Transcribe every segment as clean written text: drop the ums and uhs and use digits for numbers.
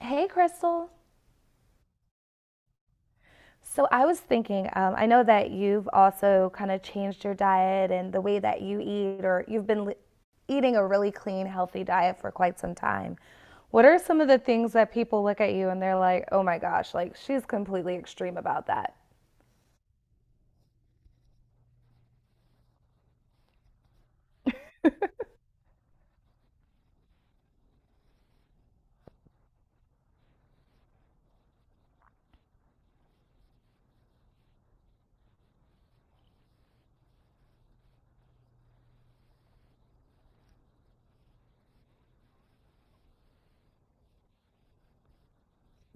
Hey, Crystal. So I was thinking, I know that you've also kind of changed your diet and the way that you eat, or eating a really clean, healthy diet for quite some time. What are some of the things that people look at you and they're like, oh my gosh, like she's completely extreme about that?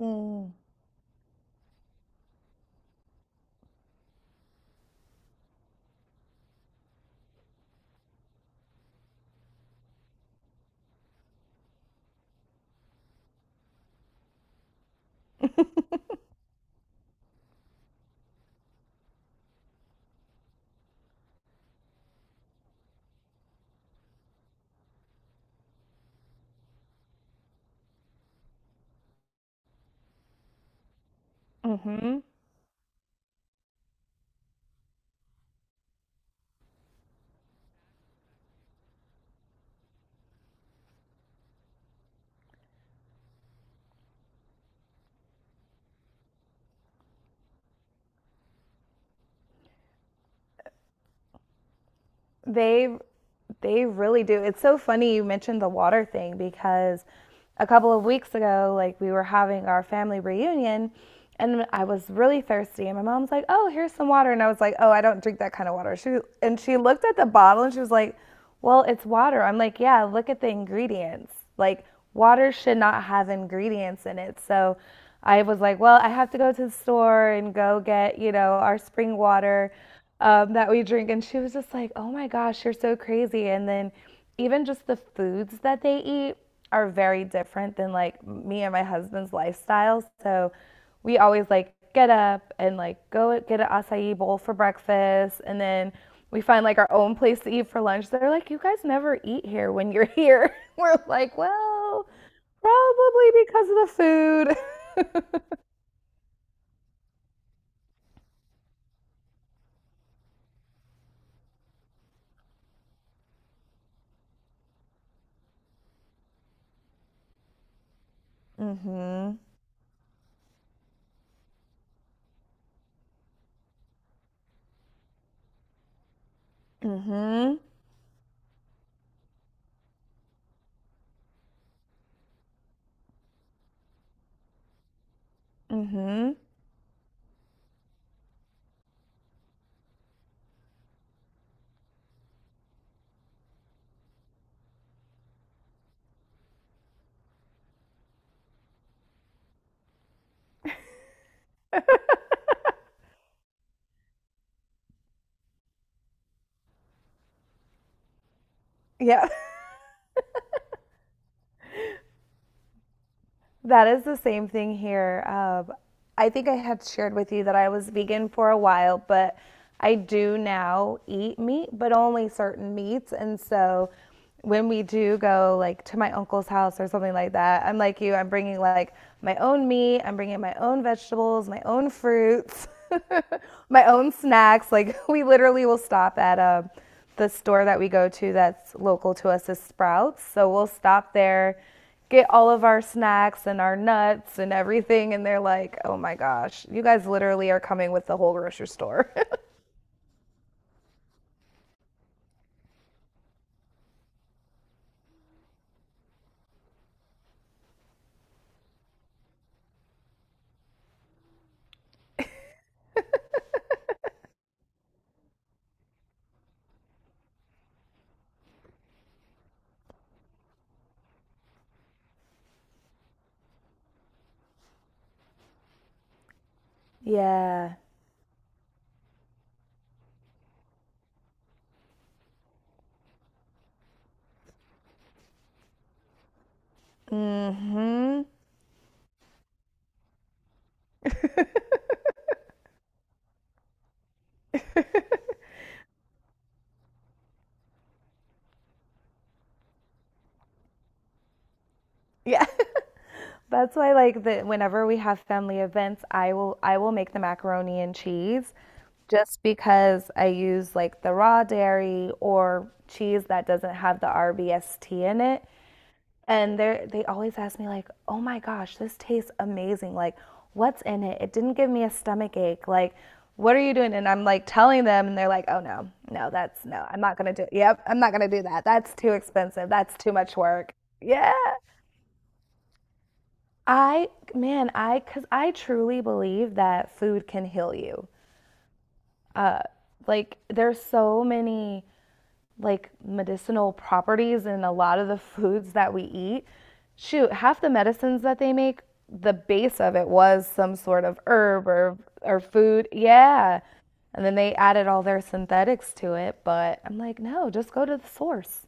Mm. Hmm. They they really do. It's so funny you mentioned the water thing because a couple of weeks ago, like we were having our family reunion and I was really thirsty and my mom's like, "Oh, here's some water." And I was like, "Oh, I don't drink that kind of water." She looked at the bottle and she was like, well, it's water. I'm like, yeah, look at the ingredients. Like, water should not have ingredients in it. So I was like, well, I have to go to the store and go get our spring water that we drink. And she was just like, oh my gosh, you're so crazy. And then even just the foods that they eat are very different than like me and my husband's lifestyle. So we always like get up and like go get an acai bowl for breakfast and then we find like our own place to eat for lunch. They're like, you guys never eat here when you're here. We're like, well, probably because of the food. mm-hmm. Mm-hmm. Mm-hmm. Yeah. That is the same thing here. I think I had shared with you that I was vegan for a while, but I do now eat meat, but only certain meats. And so when we do go like to my uncle's house or something like that, I'm like you, I'm bringing like my own meat, I'm bringing my own vegetables, my own fruits, my own snacks. Like we literally will stop at the store that we go to that's local to us is Sprouts. So we'll stop there, get all of our snacks and our nuts and everything. And they're like, oh my gosh, you guys literally are coming with the whole grocery store. yeah. Mm-hmm. Yeah. That's why like the whenever we have family events, I will make the macaroni and cheese just because I use like the raw dairy or cheese that doesn't have the RBST in it. And they always ask me like, "Oh my gosh, this tastes amazing. Like, what's in it? It didn't give me a stomach ache. Like, what are you doing?" And I'm like telling them and they're like, "Oh no. No, that's no. I'm not going to do it. Yep, I'm not going to do that. That's too expensive. That's too much work." Yeah. I man, I cuz I truly believe that food can heal you. Like, there's so many like medicinal properties in a lot of the foods that we eat. Shoot, half the medicines that they make, the base of it was some sort of herb or food. Yeah. And then they added all their synthetics to it, but I'm like, no, just go to the source.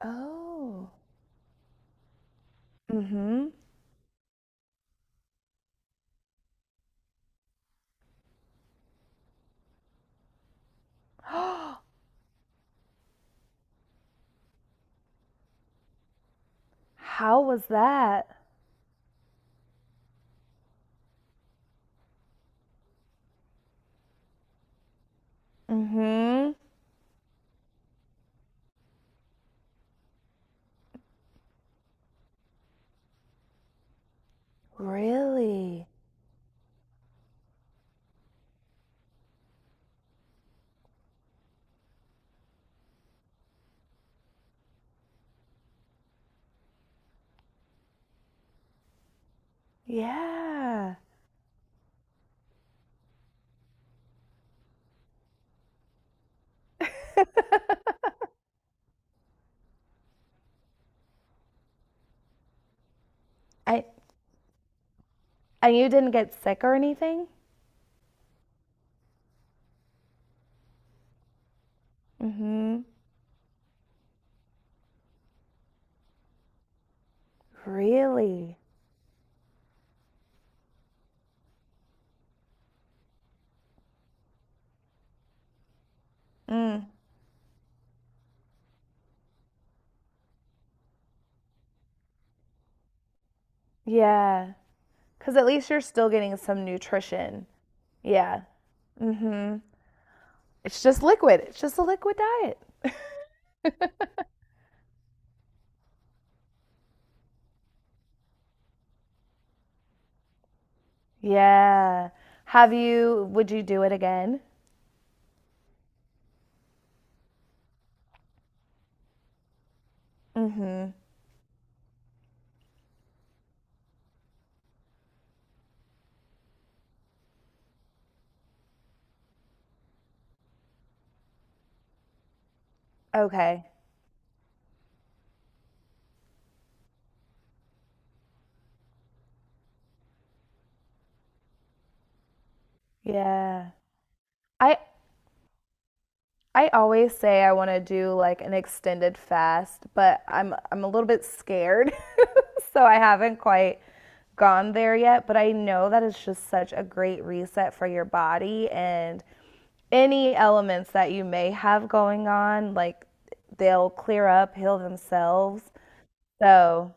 Oh. Mm-hmm. How was that? Mm-hmm. Really? Yeah. I and you didn't get sick or anything? Mm-hmm. Really? Yeah. Because at least you're still getting some nutrition. Yeah. Mm-hmm. It's just liquid. It's just a liquid diet. Yeah. Have you, would you do it again? Mm-hmm. Okay. Yeah. I I always say I want to do like an extended fast, but I'm a little bit scared. So I haven't quite gone there yet, but I know that it's just such a great reset for your body and any elements that you may have going on, like they'll clear up, heal themselves. So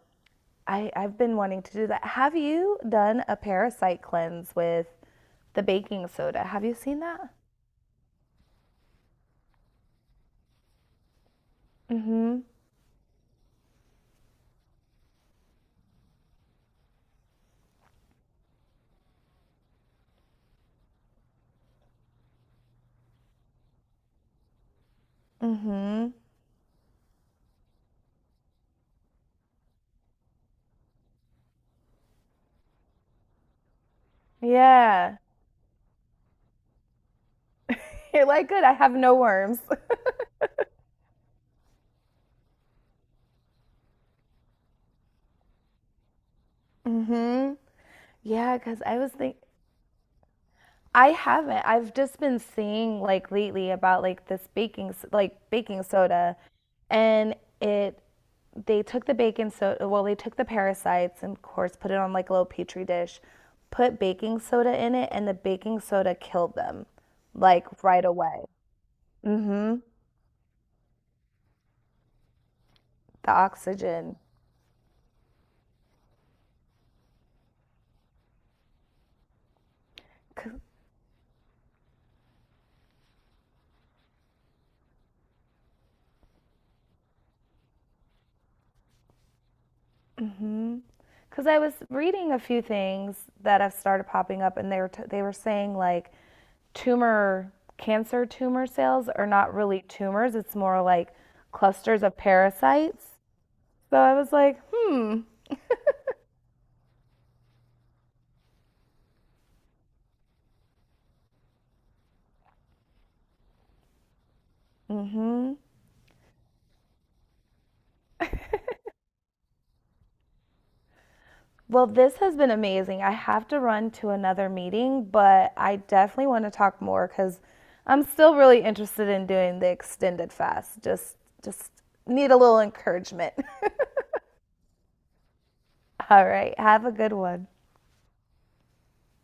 I've been wanting to do that. Have you done a parasite cleanse with the baking soda? Have you seen that? Mm-hmm. Mm-hmm. Yeah. You're like, good, I have no worms. Mm-hmm. Yeah, because I was think I haven't. I've just been seeing like lately about like like baking soda and it They took the baking soda, well, they took the parasites and, of course, put it on like a little petri dish, put baking soda in it, and the baking soda killed them like right away. Hmm. The oxygen. Because I was reading a few things that have started popping up, and they were saying like cancer tumor cells are not really tumors, it's more like clusters of parasites. So I was like, hmm. Well, this has been amazing. I have to run to another meeting, but I definitely want to talk more because I'm still really interested in doing the extended fast. Just need a little encouragement. All right, have a good one.